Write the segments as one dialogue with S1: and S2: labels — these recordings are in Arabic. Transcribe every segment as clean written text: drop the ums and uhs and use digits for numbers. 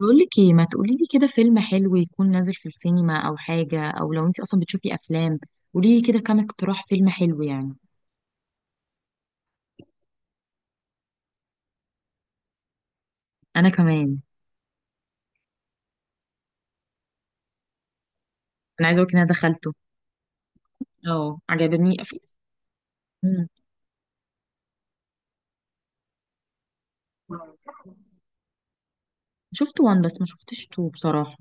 S1: بقولك ايه، ما تقولي لي كده فيلم حلو يكون نازل في السينما او حاجة، او لو انت اصلا بتشوفي افلام؟ قولي لي كده كام اقتراح فيلم حلو يعني. انا كمان. انا عايزه اقولك ان انا دخلته. اه، عجبني في. مم. شفت وان بس ما شفتش تو بصراحة.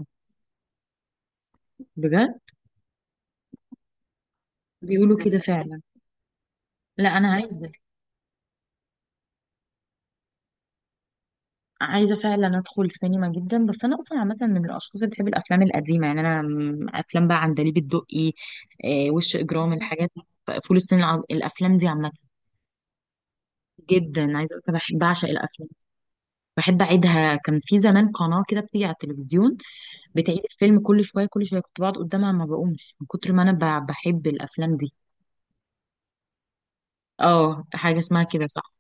S1: بجد. بيقولوا كده فعلا. لا انا عايزة فعلا ادخل السينما جدا، بس انا اصلا عامة من الاشخاص اللي بتحب الافلام القديمة. يعني انا افلام بقى عندليب الدقي، وش اجرام، الحاجات، فول الصين، الافلام دي عامة جدا. عايزه اقول لك انا بحب بعشق الافلام. بحب اعيدها، كان في زمان قناه كده بتيجي على التلفزيون بتعيد الفيلم كل شويه كل شويه، كنت بقعد قدامها ما بقومش من كتر ما انا بحب الافلام دي. اه، حاجه اسمها كده صح.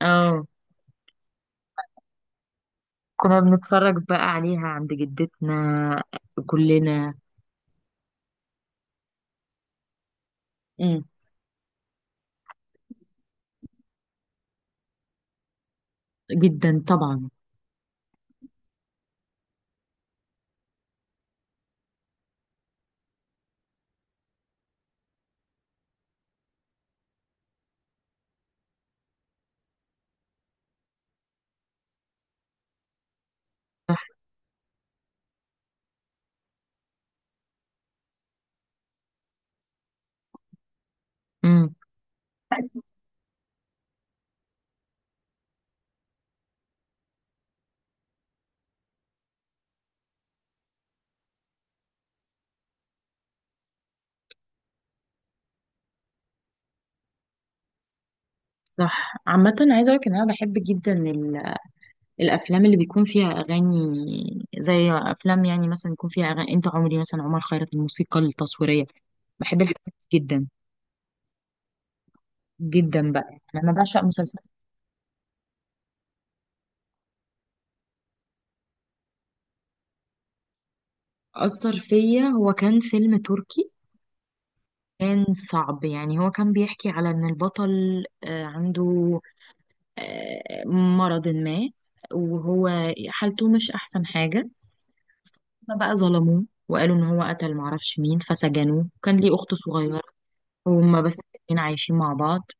S1: اه. كنا بنتفرج بقى عليها عند جدتنا كلنا. امم. جدا طبعا. صح. امم. صح، عامة عايزة اقولك ان انا بحب جدا الافلام اللي بيكون فيها اغاني. زي افلام يعني مثلا يكون فيها اغاني انت عمري، مثلا عمر خيرت الموسيقى التصويريه. بحب الحاجات دي جدا. جدا بقى، يعني انا بعشق مسلسل. اثر فيا هو كان فيلم تركي، كان صعب. يعني هو كان بيحكي على ان البطل عنده مرض ما، وهو حالته مش احسن حاجه. هما بقى ظلموه وقالوا ان هو قتل معرفش مين، فسجنوه. كان ليه اخت صغيره وهما بس الاتنين عايشين مع بعض.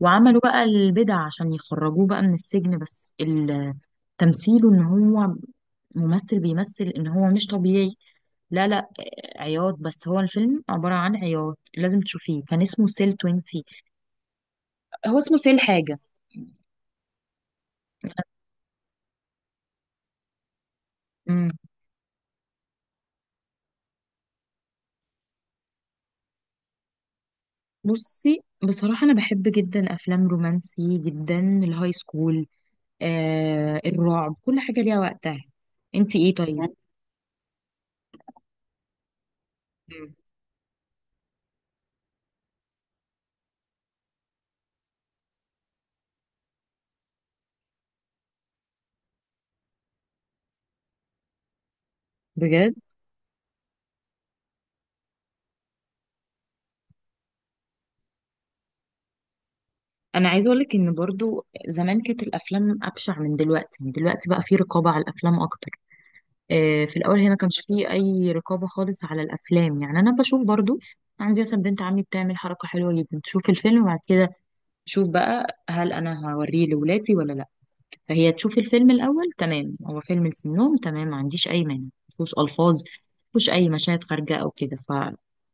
S1: وعملوا بقى البدع عشان يخرجوه بقى من السجن، بس تمثيله ان هو ممثل بيمثل ان هو مش طبيعي. لا لا، عياط. بس هو الفيلم عبارة عن عياط، لازم تشوفيه. كان اسمه سيل 20. هو اسمه سيل حاجة. مم. بصي بصراحة، أنا بحب جدا أفلام رومانسي، جدا الهاي سكول. الرعب كل حاجة ليها وقتها. انتي ايه طيب؟ مم. بجد؟ انا عايزه اقول لك ان برضو زمان كانت الافلام ابشع من دلوقتي. يعني دلوقتي بقى في رقابه على الافلام اكتر. في الاول هي ما كانش فيه اي رقابه خالص على الافلام. يعني انا بشوف برضو عندي مثلا بنت عمي بتعمل حركه حلوه جدا، تشوف الفيلم وبعد كده تشوف بقى هل انا هوريه لولادي ولا لا. فهي تشوف الفيلم الاول، تمام هو فيلم لسنهم، تمام ما عنديش اي مانع، مفيهوش الفاظ، مفيهوش اي مشاهد خارجه او كده.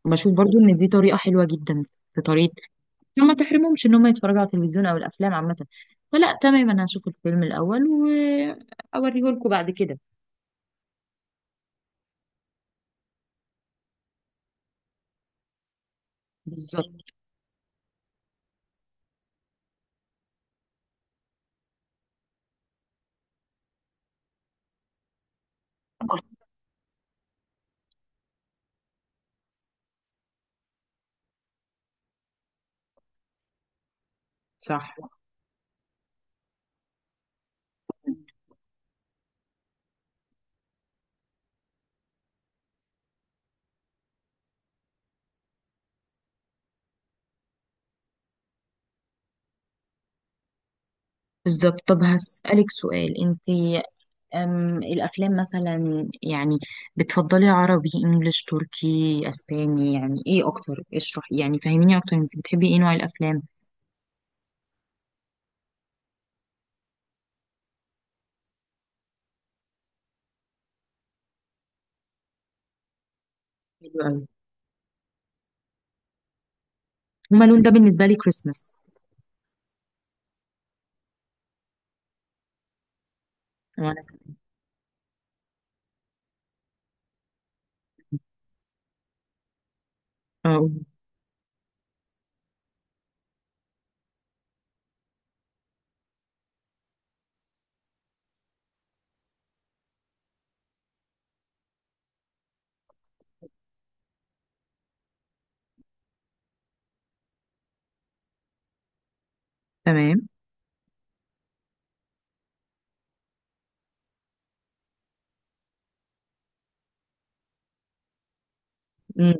S1: فبشوف برضو ان دي طريقه حلوه جدا. في طريقه عشان ما تحرمهمش ان هم يتفرجوا على التلفزيون او الافلام عامه. فلا، تمام، انا هشوف الفيلم الاول واوريه لكم بعد كده. بالظبط. صح. بالظبط. طب هسألك سؤال انت. الافلام مثلا يعني بتفضلي عربي، انجليش، تركي، اسباني؟ يعني ايه اكتر؟ اشرحي، يعني فهميني اكتر انت بتحبي ايه نوع الافلام؟ حلو قوي. هما لون ده بالنسبه لي كريسمس. وانا. اه. تمام. امم.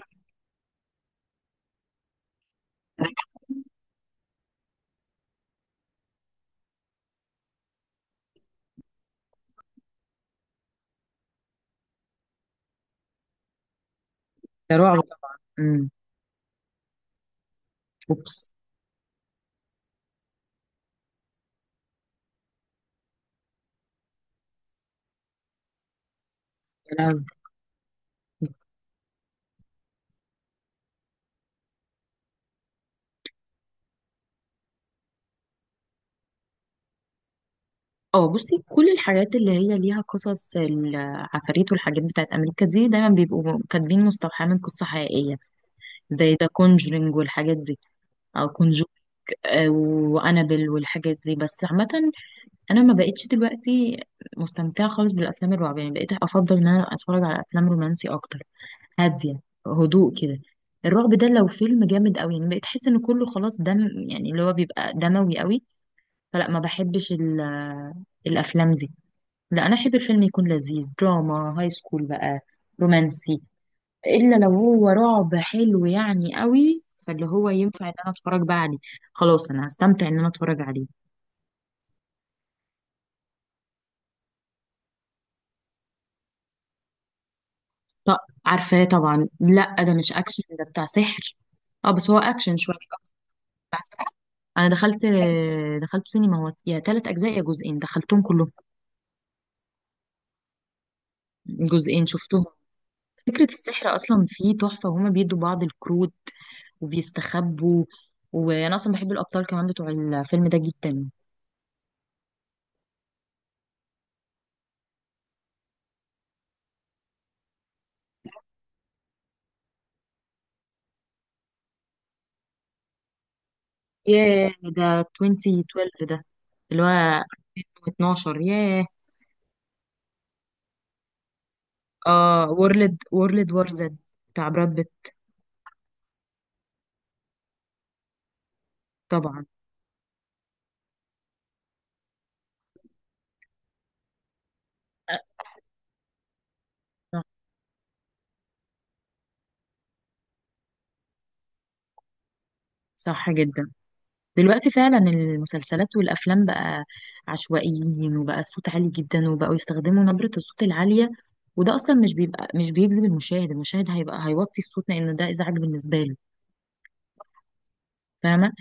S1: ده رعب طبعا. امم. اوبس. يا لهوي. اه، بصي كل الحاجات اللي هي ليها قصص العفاريت والحاجات بتاعت امريكا دي دايما بيبقوا كاتبين مستوحاه من قصه حقيقيه، زي ذا كونجرينج والحاجات دي، او كونجور وانابل والحاجات دي. بس عامه انا ما بقتش دلوقتي مستمتعه خالص بالافلام الرعب. يعني بقيت افضل ان انا اتفرج على افلام رومانسي اكتر، هاديه، هدوء كده. الرعب ده لو فيلم جامد قوي يعني بقيت احس ان كله خلاص دم، يعني اللي هو بيبقى دموي قوي. فلا ما بحبش الافلام دي. لا انا احب الفيلم يكون لذيذ، دراما، هاي سكول بقى، رومانسي. الا لو هو رعب حلو يعني قوي فاللي هو ينفع ان انا اتفرج بقى عليه. خلاص انا هستمتع ان انا اتفرج عليه. طب. عارفاه طبعا. لا ده مش اكشن، ده بتاع سحر. اه بس هو اكشن شويه. انا دخلت. دخلت سينما، هو يا ثلاث اجزاء يا جزئين، دخلتهم كلهم. جزئين شفتهم. فكره السحر اصلا فيه تحفه، وهما بيدوا بعض الكروت وبيستخبوا. وانا اصلا بحب الابطال كمان بتوع الفيلم ده جدا. ياه، ده 2012 ده، اللي هو 2012، ياه. اه، وورلد وار زد بتاع براد بيت. طبعا. صح صح جدا. دلوقتي فعلا المسلسلات والافلام بقى عشوائيين، وبقى الصوت عالي جدا، وبقوا يستخدموا نبرة الصوت العالية. وده اصلا مش بيبقى، مش بيجذب المشاهد. المشاهد هيوطي الصوت لان ده ازعاج بالنسبة له. فاهمة.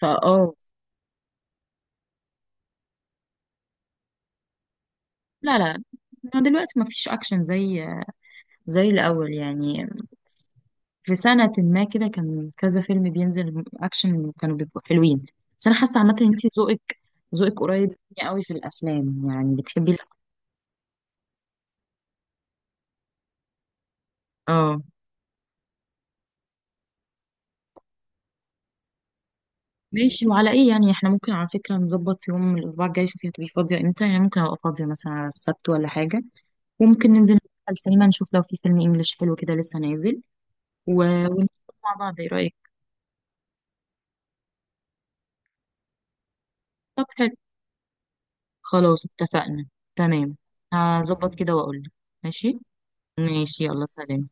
S1: فاه. لا لا، دلوقتي ما فيش اكشن زي الاول يعني. في سنة ما كده كان كذا فيلم بينزل أكشن، كانوا بيبقوا حلوين. بس أنا حاسة عامة إن أنتي ذوقك قريب مني قوي في الأفلام. يعني بتحبي اه، ماشي. وعلى إيه يعني إحنا ممكن على فكرة نظبط يوم من الأسبوع الجاي؟ شوفي هتبقي فاضية إمتى؟ يعني ممكن أبقى فاضية مثلا على السبت ولا حاجة، وممكن ننزل على السينما نشوف لو في فيلم إنجليش حلو كده لسه نازل و ونشوف مع بعض، إيه رأيك؟ طب حلو، خلاص اتفقنا. تمام. هظبط كده وأقولك. ماشي. ماشي، يلا سلام.